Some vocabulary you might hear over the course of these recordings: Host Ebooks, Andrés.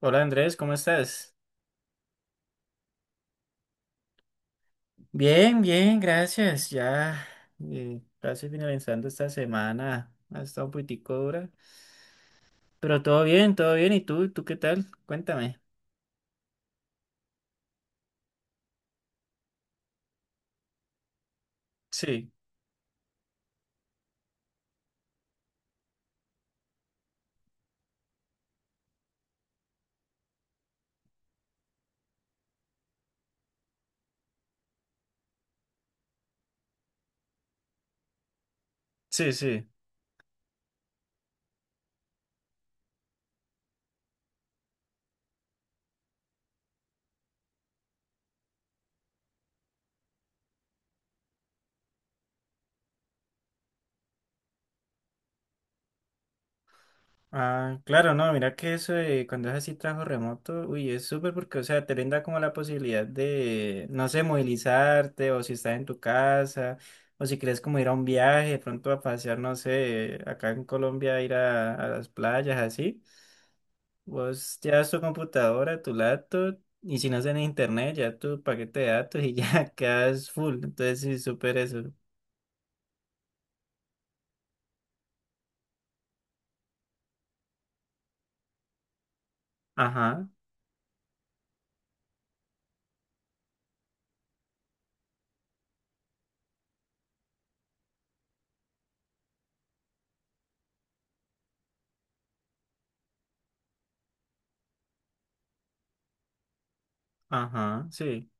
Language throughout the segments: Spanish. Hola Andrés, ¿cómo estás? Bien, bien, gracias. Ya casi finalizando esta semana. Ha estado un poquitico dura. Pero todo bien, todo bien. ¿Y tú? ¿Tú qué tal? Cuéntame. Sí, sí, sí. Ah, claro, no, mira que eso de cuando es así trabajo remoto, uy, es súper porque, o sea, te brinda como la posibilidad de, no sé, movilizarte o si estás en tu casa o si quieres como ir a un viaje, de pronto a pasear, no sé, acá en Colombia, ir a las playas, así. Vos llevas tu computadora, tu laptop, y si no es en internet, ya tu paquete de datos y ya quedas full. Entonces, sí, súper eso. Ajá, ajá, sí.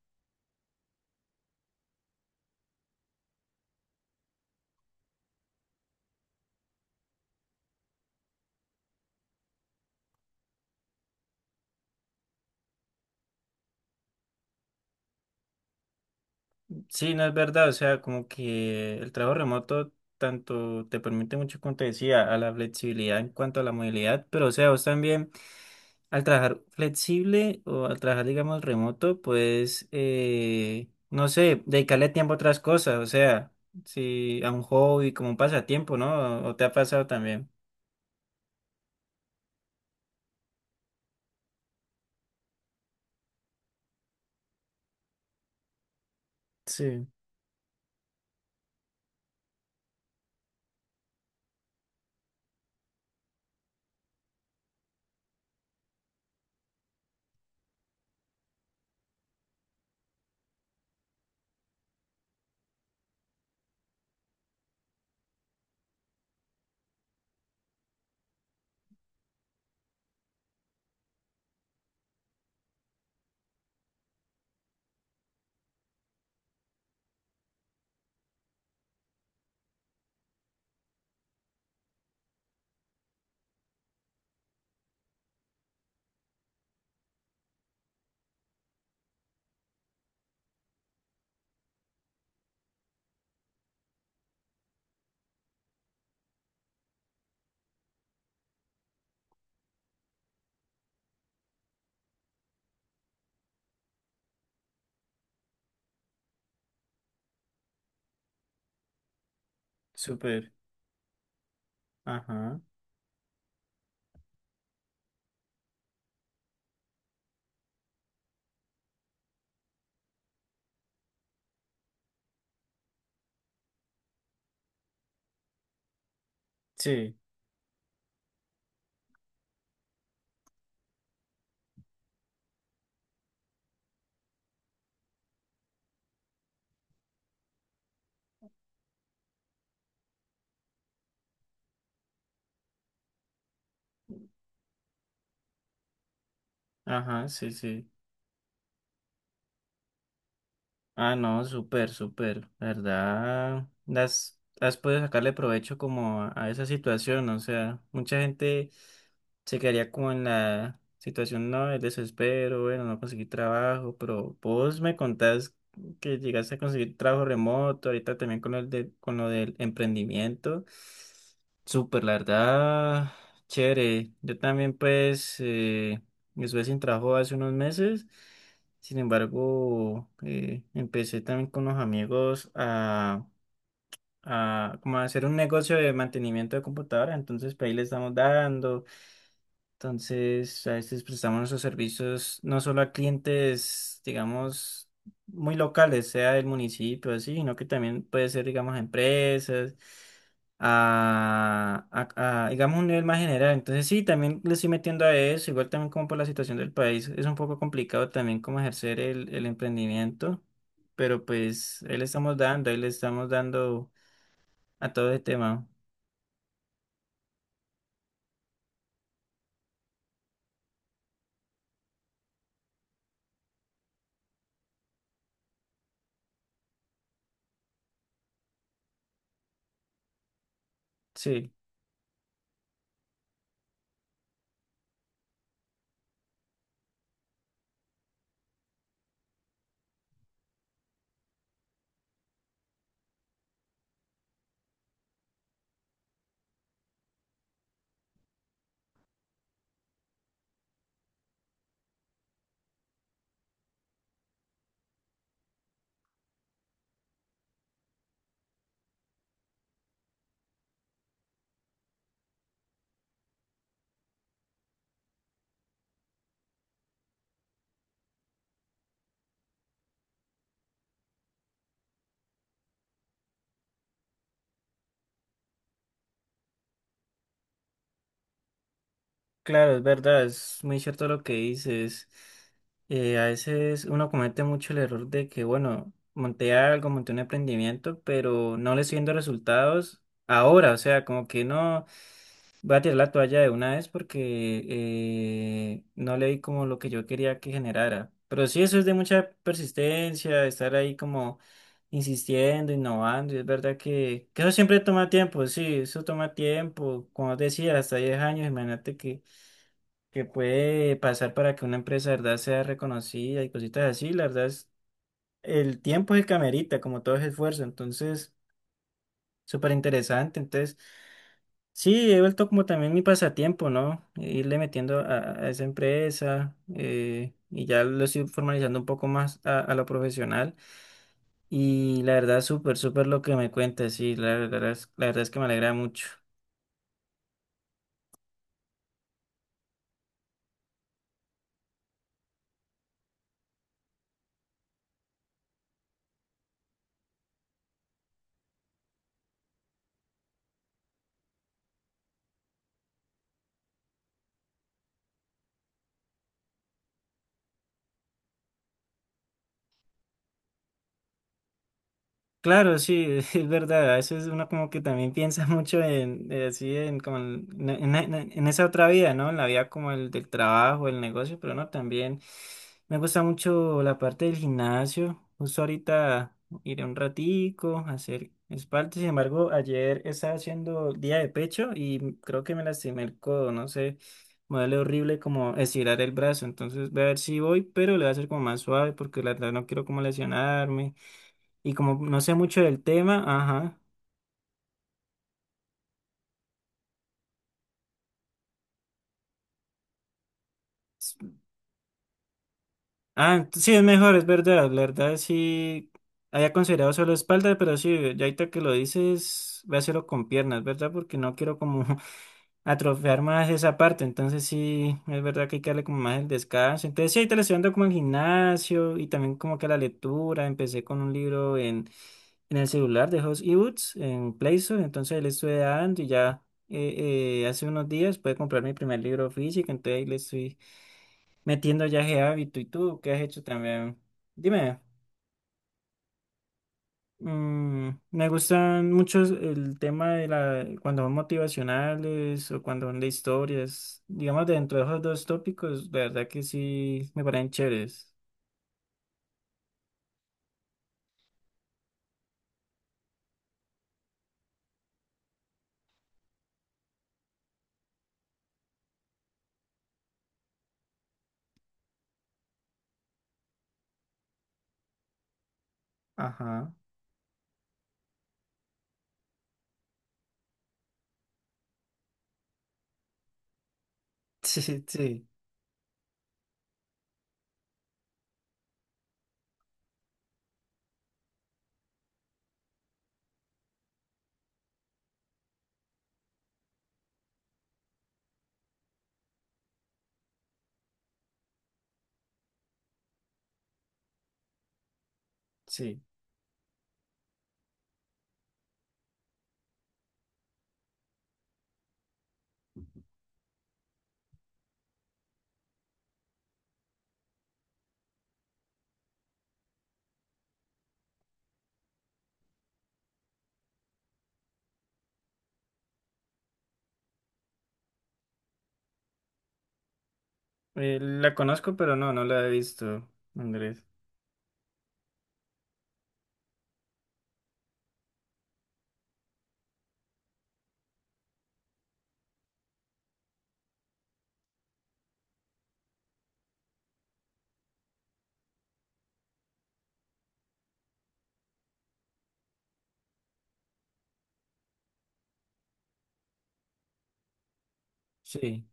Sí, no es verdad. O sea, como que el trabajo remoto tanto te permite mucho, como te decía, a la flexibilidad en cuanto a la movilidad, pero o sea, vos también. Al trabajar flexible o al trabajar, digamos, remoto, pues, no sé, dedicarle tiempo a otras cosas, o sea, si a un hobby, como un pasatiempo, ¿no? ¿O te ha pasado también? Sí, súper. Ajá. Sí, ajá, sí, sí. Ah, no, súper, súper, la ¿verdad? Las, has podido sacarle provecho como a esa situación, o sea, mucha gente se quedaría como en la situación, no, el desespero, bueno, no conseguí trabajo, pero vos me contás que llegaste a conseguir trabajo remoto, ahorita también con el de, con lo del emprendimiento, súper, la verdad, chévere, yo también pues estuve sin trabajo hace unos meses. Sin embargo, empecé también con unos amigos a como a hacer un negocio de mantenimiento de computadoras. Entonces, pues ahí le estamos dando. Entonces, a veces prestamos nuestros servicios no solo a clientes, digamos, muy locales, sea del municipio, así, sino que también puede ser, digamos, a empresas, a, a, digamos, un nivel más general. Entonces, sí, también le estoy metiendo a eso, igual también como por la situación del país, es un poco complicado también como ejercer el emprendimiento, pero pues ahí le estamos dando, ahí le estamos dando a todo el tema, sí. Claro, es verdad, es muy cierto lo que dices. A veces uno comete mucho el error de que, bueno, monté algo, monté un emprendimiento, pero no le estoy viendo resultados ahora, o sea, como que no voy a tirar la toalla de una vez porque no le di como lo que yo quería que generara. Pero sí, eso es de mucha persistencia, de estar ahí como insistiendo, innovando, y es verdad que eso siempre toma tiempo, sí, eso toma tiempo, como decía, hasta 10 años, imagínate que puede pasar para que una empresa, de verdad, sea reconocida y cositas así. La verdad es, el tiempo es el que amerita, como todo es esfuerzo. Entonces, súper interesante. Entonces, sí, he vuelto como también mi pasatiempo, ¿no? Irle metiendo a esa empresa y ya lo estoy formalizando un poco más a lo profesional. Y la verdad, súper, súper lo que me cuentas, sí, la verdad es que me alegra mucho. Claro, sí, es verdad. A veces uno como que también piensa mucho en así en como en, en esa otra vida, ¿no? En la vida como el del trabajo, el negocio, pero no, también me gusta mucho la parte del gimnasio. Justo ahorita iré un ratico a hacer espalda. Sin embargo, ayer estaba haciendo día de pecho y creo que me lastimé el codo, no sé. Me duele horrible como estirar el brazo, entonces voy a ver si voy, pero le voy a hacer como más suave porque la verdad no quiero como lesionarme. Y como no sé mucho del tema, ajá. S- Ah, sí, es mejor, es verdad. La verdad, sí. Había considerado solo espalda, pero sí, ya ahorita que lo dices, voy a hacerlo con piernas, ¿verdad? Porque no quiero como atrofiar más esa parte. Entonces sí, es verdad que hay que darle como más el descanso. Entonces sí, ahí te le estoy dando como al gimnasio y también como que a la lectura. Empecé con un libro en el celular de Host Ebooks en Play Store. Entonces ahí le estoy dando y ya hace unos días pude comprar mi primer libro físico. Entonces ahí le estoy metiendo ya ese hábito. ¿Y tú qué has hecho también? Dime. Mm, me gustan mucho el tema de la, cuando son motivacionales o cuando son de historias. Digamos, dentro de esos dos tópicos, la verdad que sí me parecen chéveres. Ajá. Sí, sí, sí. La conozco, pero no, no la he visto, Andrés. Sí,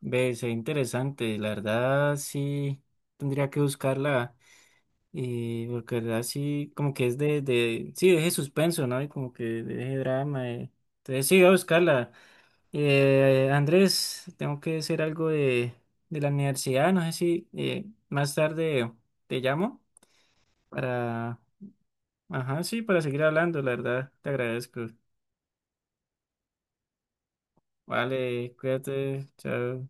ve, se interesante. La verdad, sí, tendría que buscarla. Porque la verdad, sí, como que es de, sí, deje suspenso, ¿no? Y como que deje drama. Entonces, sí, voy a buscarla. Andrés, tengo que hacer algo de la universidad. No sé si más tarde te llamo para... Ajá, sí, para seguir hablando, la verdad. Te agradezco. Vale, cuídate. Chao.